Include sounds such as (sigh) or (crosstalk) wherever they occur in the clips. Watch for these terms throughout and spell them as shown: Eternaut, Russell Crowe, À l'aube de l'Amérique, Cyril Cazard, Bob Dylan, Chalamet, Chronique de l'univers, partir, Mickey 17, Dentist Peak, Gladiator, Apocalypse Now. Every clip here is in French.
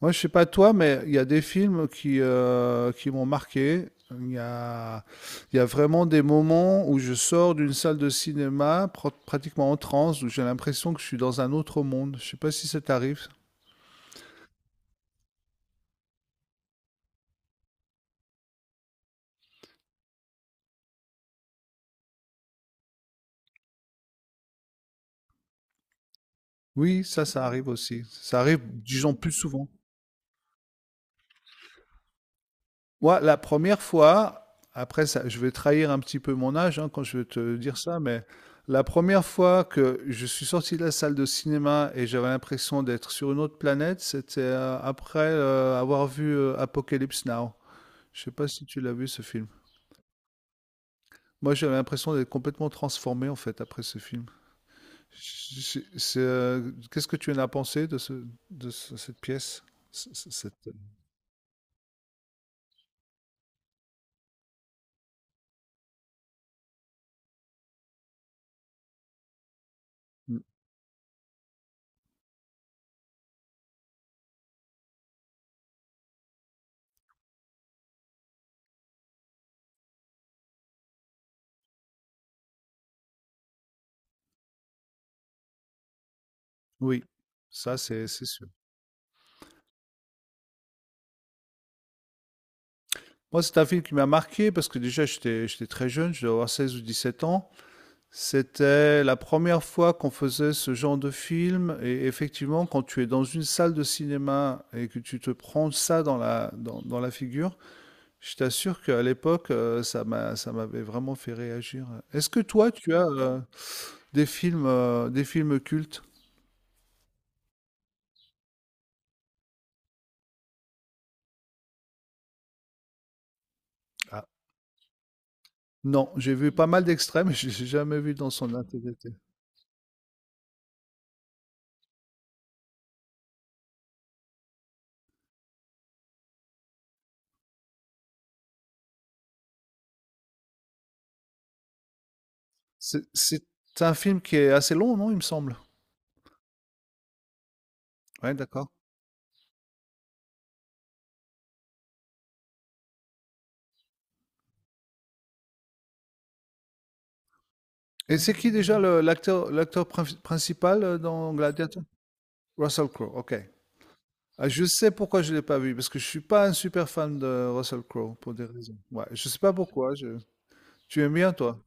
Moi, je sais pas toi, mais il y a des films qui m'ont marqué. Il y a vraiment des moments où je sors d'une salle de cinéma pratiquement en transe, où j'ai l'impression que je suis dans un autre monde. Je sais pas si ça t'arrive. Oui, ça arrive aussi. Ça arrive, disons, plus souvent. Moi, la première fois, après ça, je vais trahir un petit peu mon âge hein, quand je vais te dire ça, mais la première fois que je suis sorti de la salle de cinéma et j'avais l'impression d'être sur une autre planète, c'était après avoir vu Apocalypse Now. Je sais pas si tu l'as vu ce film. Moi, j'avais l'impression d'être complètement transformé en fait après ce film. C'est, qu'est-ce que tu en as pensé de cette pièce? C- c- cette- euh, Oui, ça c'est sûr. Moi, c'est un film qui m'a marqué parce que déjà, j'étais très jeune, je devais avoir 16 ou 17 ans. C'était la première fois qu'on faisait ce genre de film. Et effectivement, quand tu es dans une salle de cinéma et que tu te prends ça dans dans la figure, je t'assure qu'à l'époque, ça m'avait vraiment fait réagir. Est-ce que toi, tu as des des films cultes? Ah, non, j'ai vu pas mal d'extraits, mais (laughs) je ne l'ai jamais vu dans son intégralité. C'est un film qui est assez long, non, il me semble. Ouais, d'accord. Et c'est qui déjà le l'acteur prinf principal, dans Gladiator? Russell Crowe, OK. Ah, je sais pourquoi je ne l'ai pas vu, parce que je suis pas un super fan de Russell Crowe pour des raisons. Ouais, je sais pas pourquoi, je tu aimes bien toi?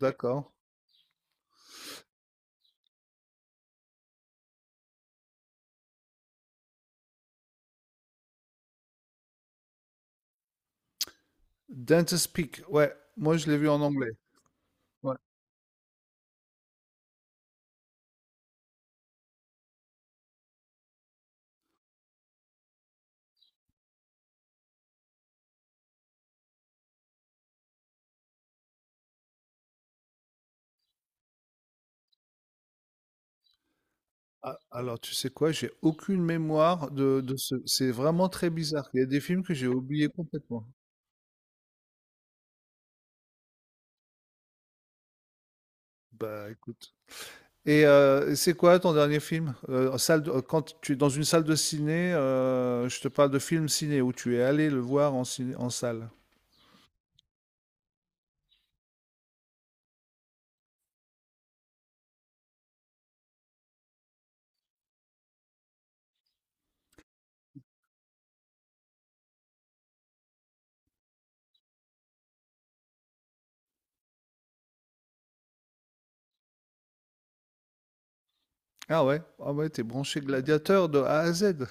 D'accord. Dentist Peak, ouais, moi je l'ai vu en anglais. Ouais. A alors tu sais quoi? J'ai aucune mémoire de ce c'est vraiment très bizarre. Il y a des films que j'ai oubliés complètement. Bah, écoute. Et c'est quoi ton dernier film? Quand tu es dans une salle de ciné, je te parle de film ciné où tu es allé le en salle. Ouais, ah ouais, t'es branché gladiateur de A à Z.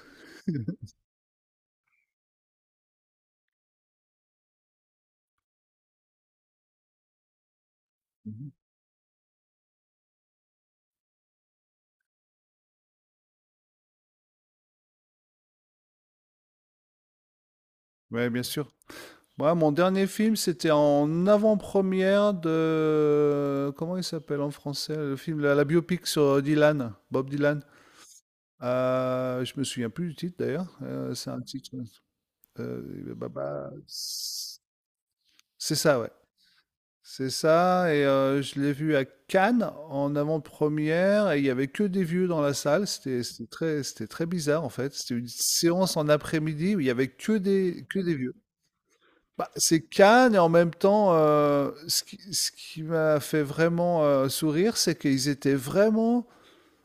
Mhm. Ouais, bien sûr. Moi, mon dernier film, c'était en avant-première de... Comment il s'appelle en français? Le la biopic sur Dylan, Bob Dylan. Je me souviens plus du titre d'ailleurs. C'est un euh, bah, bah, c'est ça, ouais. C'est ça, et je l'ai vu à Cannes, en avant-première et il y avait que des vieux dans la salle. C'était très bizarre, en fait. C'était une séance en après-midi où il y avait que des vieux. Bah, c'est Cannes et en même temps, ce qui m'a fait vraiment, sourire, c'est qu'ils étaient vraiment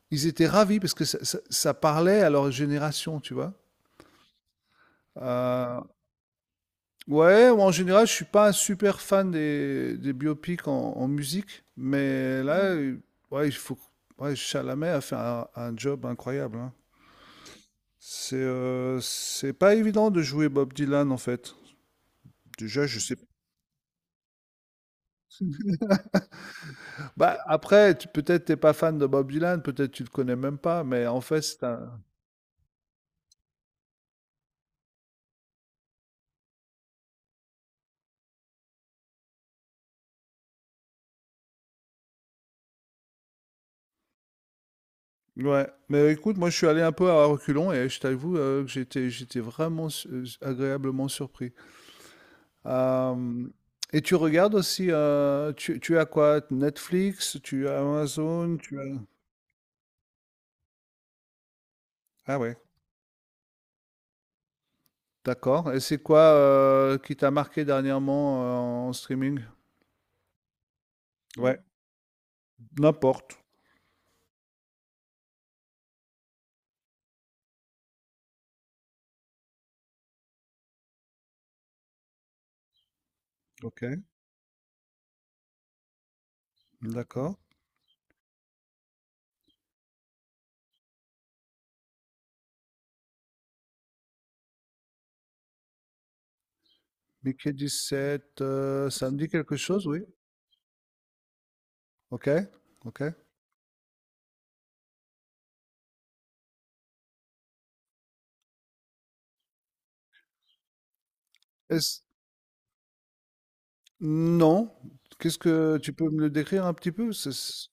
ils étaient ravis parce que ça parlait à leur génération, tu vois? Heu, ouais, en général, je suis pas un super fan des biopics en musique, mais là, mm, ouais, il faut. Ouais, Chalamet a fait un job incroyable, hein. C'est pas évident de jouer Bob Dylan en fait. Déjà, je sais pas. Bah après, tu- peut-être t'es pas fan de Bob Dylan, peut-être tu le connais même pas, mais en fait, c'est un. Ouais, mais écoute, moi je suis allé un peu à reculons et je t'avoue que j'étais vraiment agréablement surpris. Euh, et tu regardes aussi, tu as quoi? Netflix, tu as Amazon, tu as... Ah ouais, d'accord. Et c'est quoi qui t'a marqué dernièrement en streaming? Ouais, n'importe. Ok, d'accord. Mickey 17, ça me dit quelque chose, oui. Ok, ok. Est-ce- non. Qu'est-ce que tu peux me le décrire un petit peu?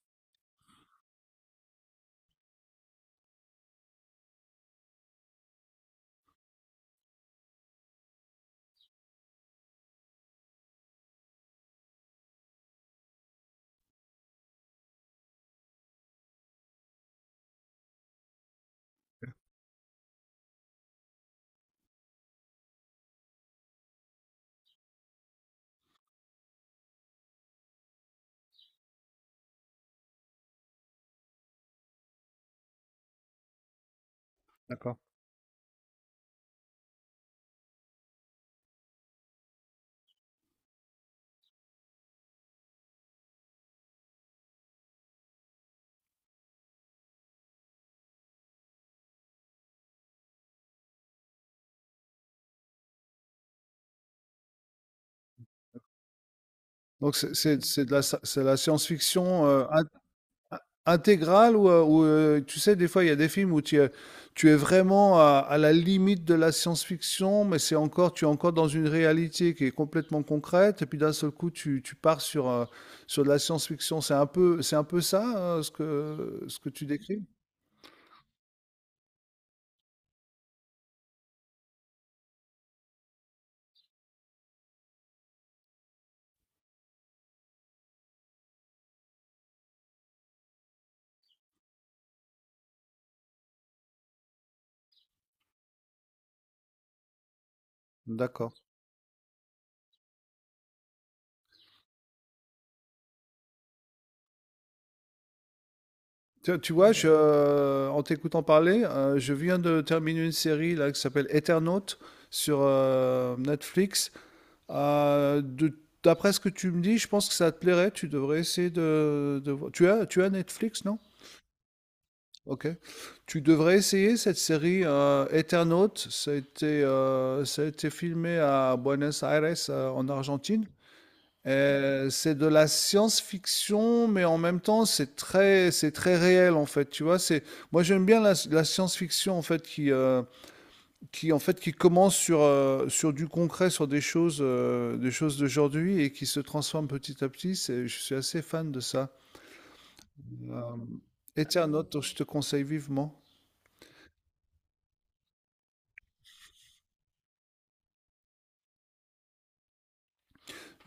D'accord. C'est de c'est de la science-fiction. Euh, in intégrale tu sais, des fois, il y a des films où tu es vraiment à la limite de la science-fiction, mais c'est encore, tu es encore dans une réalité qui est complètement concrète, et puis d'un seul coup, tu pars sur, sur de la science-fiction. C'est un peu ça, ce que tu décris? D'accord. Tu vois, en t'écoutant parler, je viens de terminer une série là, qui s'appelle Eternaut sur Netflix. De- d'après ce que tu me dis, je pense que ça te plairait. Tu devrais essayer de voir. Tu as Netflix, non? Ok. Tu devrais essayer cette série Eternaut. Ça a été filmé à Buenos Aires, en Argentine. C'est de la science-fiction, mais en même temps, c'est très réel en fait. Tu vois, c'est moi j'aime bien la science-fiction en fait qui en fait qui commence sur sur du concret, sur des choses d'aujourd'hui et qui se transforme petit à petit. C'est, je suis assez fan de ça. Euh, Eternaut, je te conseille vivement.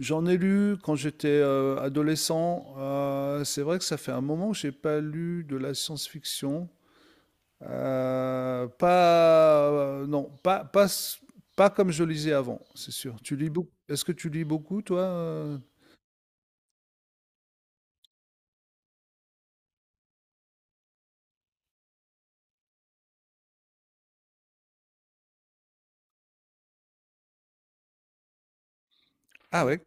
J'en ai lu quand j'étais adolescent. C'est vrai que ça fait un moment que j'ai pas lu de la science-fiction. Pas, non, pas, pas, s- pas comme je lisais avant, c'est sûr. Tu lis beaucoup. Est-ce que tu lis beaucoup, toi, euh? Ah ouais.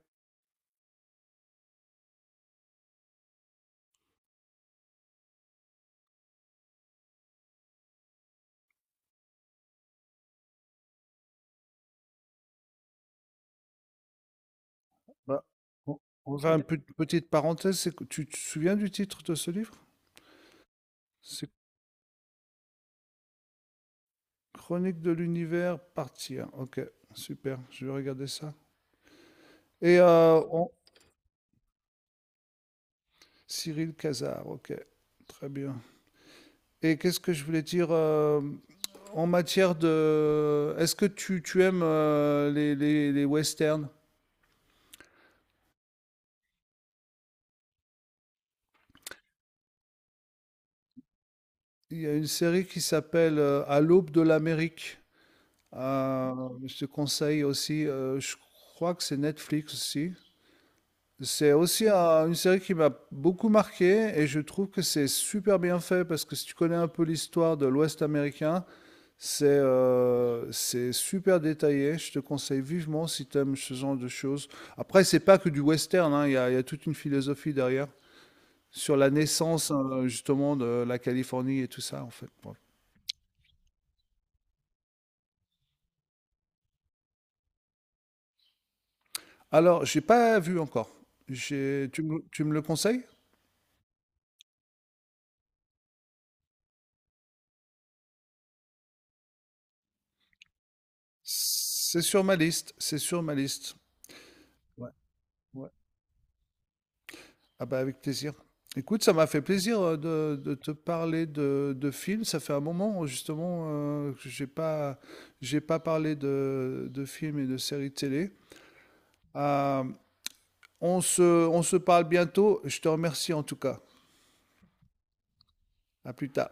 Bah, On on va ça une petite parenthèse, c'est que- tu te souviens du titre de ce livre? C'est Chronique de l'univers, partir. Ok, super. Je vais regarder ça. Et on- Cyril Cazard. Ok, très bien. Et qu'est-ce que je voulais dire en matière de... Est-ce que tu aimes les westerns? Il y a une série qui s'appelle À l'aube de l'Amérique. Euh, je te conseille aussi, je crois que c'est Netflix aussi. C'est aussi une série qui m'a beaucoup marqué et je trouve que c'est super bien fait parce que si tu connais un peu l'histoire de l'Ouest américain, c'est super détaillé. Je te conseille vivement si tu aimes ce genre de choses. Après, c'est pas que du western, hein, il y a toute une philosophie derrière sur la naissance justement de la Californie et tout ça en fait. Bon. Alors, j'ai pas vu encore. J'ai- tu tu me le conseilles? C'est sur ma liste, c'est sur ma liste. Ouais, ouais. Ah bah avec plaisir. Écoute, ça m'a fait plaisir de te parler de films. Ça fait un moment justement que j'ai pas parlé de films et de séries télé. Euh, on se, on se parle bientôt. Je te remercie en tout cas. À plus tard.